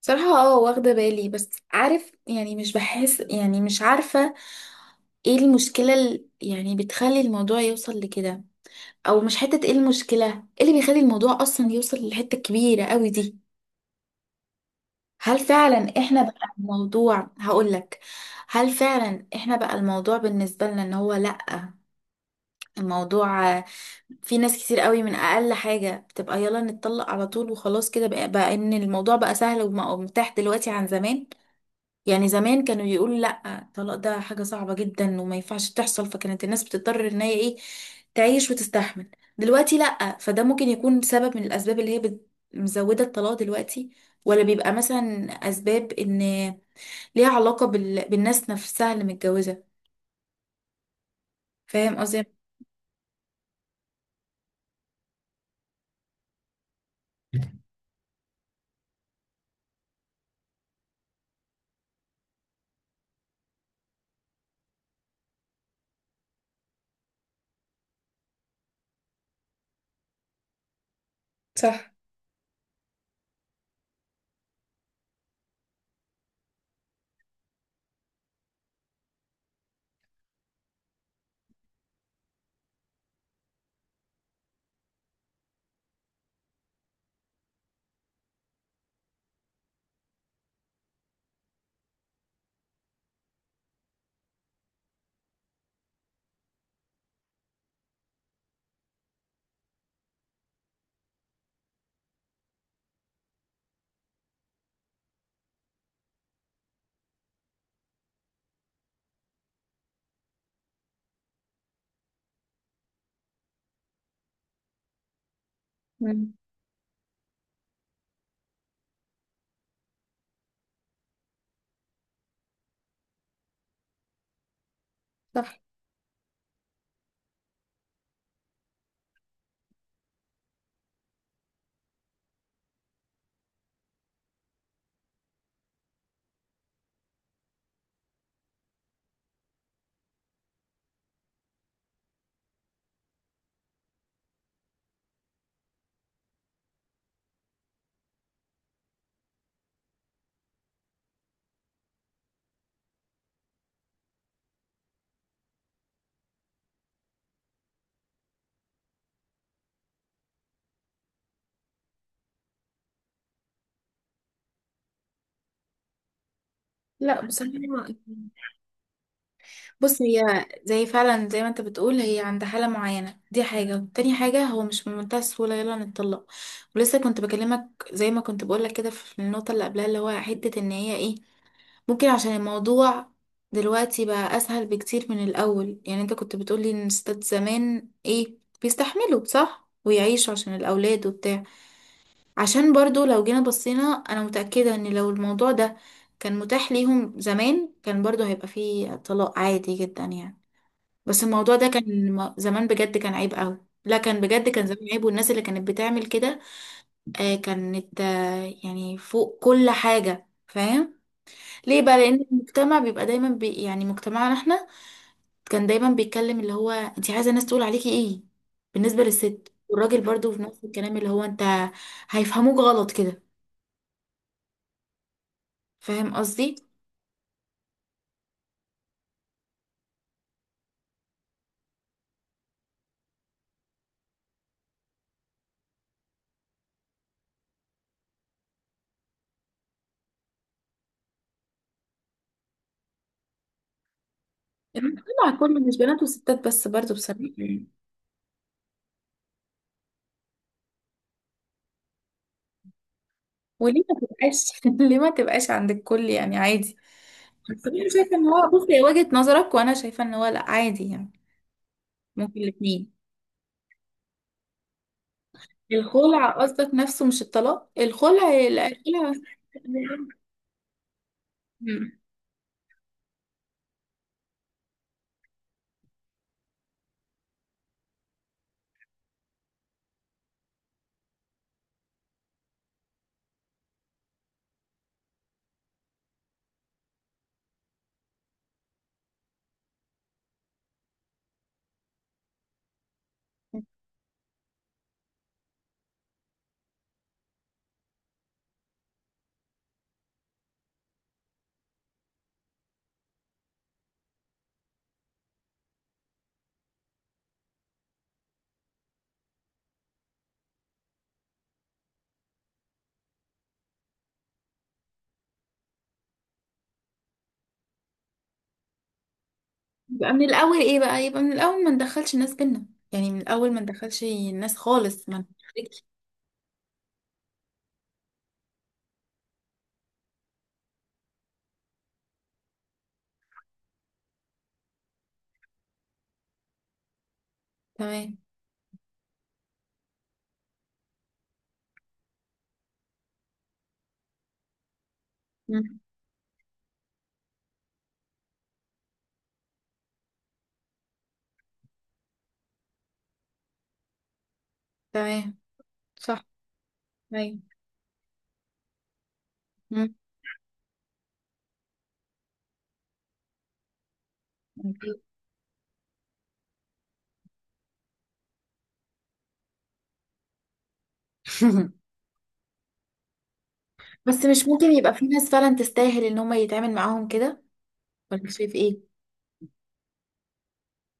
صراحة، واخدة بالي، بس عارف، يعني مش بحس، يعني مش عارفة ايه المشكلة يعني بتخلي الموضوع يوصل لكده، او مش حتة ايه المشكلة، ايه اللي بيخلي الموضوع اصلا يوصل للحتة الكبيرة قوي دي؟ هل فعلا احنا بقى الموضوع هقولك هل فعلا احنا بقى الموضوع بالنسبة لنا ان هو لا، الموضوع في ناس كتير قوي من اقل حاجة بتبقى يلا نتطلق على طول، وخلاص كده بقى ان الموضوع بقى سهل ومتاح دلوقتي عن زمان. يعني زمان كانوا يقولوا لا، الطلاق ده حاجة صعبة جدا وما ينفعش تحصل، فكانت الناس بتضطر ان هي ايه، تعيش وتستحمل. دلوقتي لا، فده ممكن يكون سبب من الاسباب اللي هي مزودة الطلاق دلوقتي، ولا بيبقى مثلا اسباب ان ليها علاقة بالناس نفسها اللي متجوزة. فاهم قصدي؟ صح. مم. صح. لا بصراحة. بص، هي زي فعلا زي ما انت بتقول، هي عند حالة معينة دي حاجة، وتاني حاجة هو مش من منتهى السهولة يلا نتطلق. ولسه كنت بكلمك زي ما كنت بقولك كده في النقطة اللي قبلها، اللي هو حتة ان هي ايه، ممكن عشان الموضوع دلوقتي بقى اسهل بكتير من الاول. يعني انت كنت بتقولي ان الستات زمان ايه، بيستحملوا، صح؟ ويعيشوا عشان الاولاد وبتاع. عشان برضو لو جينا بصينا، انا متأكدة ان لو الموضوع ده كان متاح ليهم زمان كان برضو هيبقى فيه طلاق عادي جدا يعني. بس الموضوع ده كان زمان بجد كان عيب قوي. لا، كان بجد، كان زمان عيب، والناس اللي كانت بتعمل كده كانت يعني فوق كل حاجة، فاهم؟ ليه بقى؟ لان المجتمع بيبقى دايما يعني مجتمعنا احنا كان دايما بيتكلم، اللي هو انت عايزة الناس تقول عليكي ايه؟ بالنسبة للست والراجل برضو في نفس الكلام، اللي هو انت هيفهموك غلط كده. فاهم قصدي؟ المجتمع كله، مش بنات وستات بس، برضو بصراحة يعني. وليه ما تبقاش ليه ما تبقاش عند الكل يعني؟ عادي. بس انا شايفه ان هو، بصي، هي وجهه نظرك وانا شايفه ان هو لا، عادي يعني. ممكن الاثنين. الخلع قصدك نفسه مش الطلاق؟ الخلع؟ لا، الخلع. مم. يبقى من الاول ما ندخلش الناس بينا. يعني من الاول ما ندخلش الناس خالص، ما ندخلش. تمام. مم. تمام. صح. ايوه. مم. بس مش ممكن يبقى في ناس فعلا تستاهل ان هم يتعامل معاهم كده؟ ولا شايف ايه؟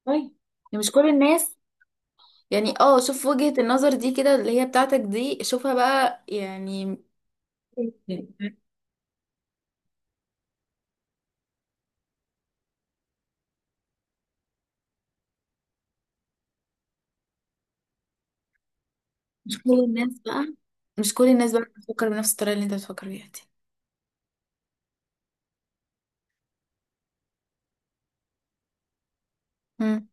طيب يعني، مش كل الناس يعني. اه، شوف وجهة النظر دي كده اللي هي بتاعتك دي، شوفها بقى يعني. مش كل الناس بقى مش كل الناس بقى بتفكر بنفس الطريقة اللي انت بتفكر بيها دي. مم.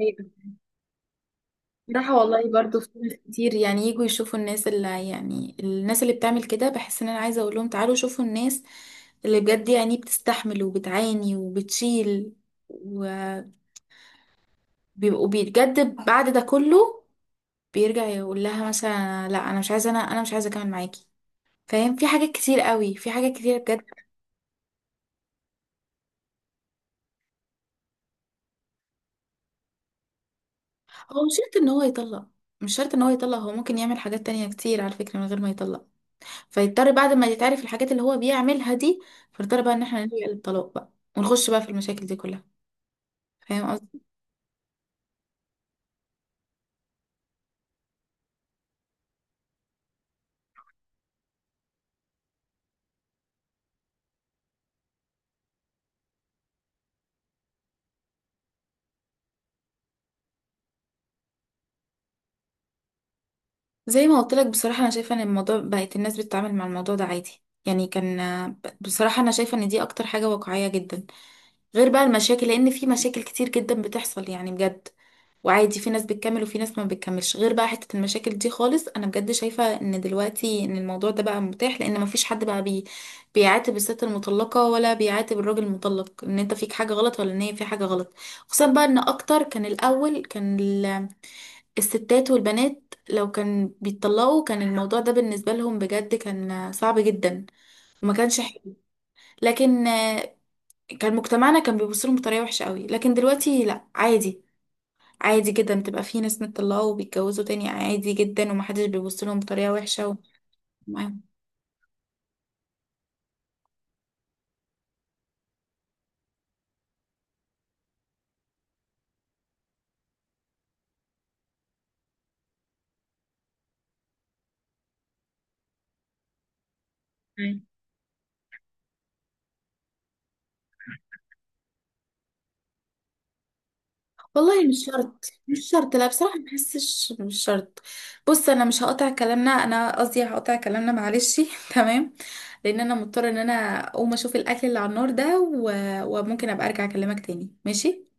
أيوة. صراحة والله برضو في ناس كتير، يعني يجوا يشوفوا الناس اللي، يعني الناس اللي بتعمل كده، بحس ان انا عايزة اقول لهم تعالوا شوفوا الناس اللي بجد يعني بتستحمل وبتعاني وبتشيل، وبيبقوا، بجد بعد ده كله بيرجع يقول لها مثلا لا انا مش عايزة، انا مش عايزة اكمل معاكي. فاهم؟ في حاجات كتير قوي، في حاجات كتير بجد. هو مش شرط ان هو يطلق. مش شرط ان هو يطلق هو ممكن يعمل حاجات تانية كتير على فكرة من غير ما يطلق، فيضطر بعد ما يتعرف الحاجات اللي هو بيعملها دي، فيضطر بقى ان احنا نلجأ للطلاق بقى، ونخش بقى في المشاكل دي كلها. فاهم قصدي؟ زي ما قلت لك بصراحة، انا شايفة ان الموضوع بقت الناس بتتعامل مع الموضوع ده عادي يعني كان. بصراحة أنا شايفة إن دي أكتر حاجة واقعية جدا، غير بقى المشاكل، لأن في مشاكل كتير جدا بتحصل يعني بجد. وعادي في ناس بتكمل وفي ناس ما بتكملش غير بقى حتة المشاكل دي خالص. انا بجد شايفة ان دلوقتي ان الموضوع ده بقى متاح، لان ما فيش حد بقى بيعاتب الست المطلقة ولا بيعاتب الراجل المطلق ان انت فيك حاجة غلط ولا ان هي في حاجة غلط. خصوصا بقى ان اكتر كان الاول كان الستات والبنات لو كان بيتطلقوا كان الموضوع ده بالنسبة لهم بجد كان صعب جدا، وما كانش حلو. لكن كان مجتمعنا كان بيبص لهم بطريقة وحشة قوي. لكن دلوقتي لا، عادي، عادي جدا بتبقى في ناس مطلقة وبيتجوزوا تاني عادي جدا، ومحدش بيبص لهم بطريقة وحشة و... معاهم. والله مش شرط، لا بصراحة ما بحسش مش شرط. بص انا مش هقطع كلامنا، انا قصدي هقطع كلامنا، معلش تمام، لان انا مضطرة ان انا اقوم اشوف الاكل اللي على النار ده و... وممكن ابقى ارجع اكلمك تاني، ماشي؟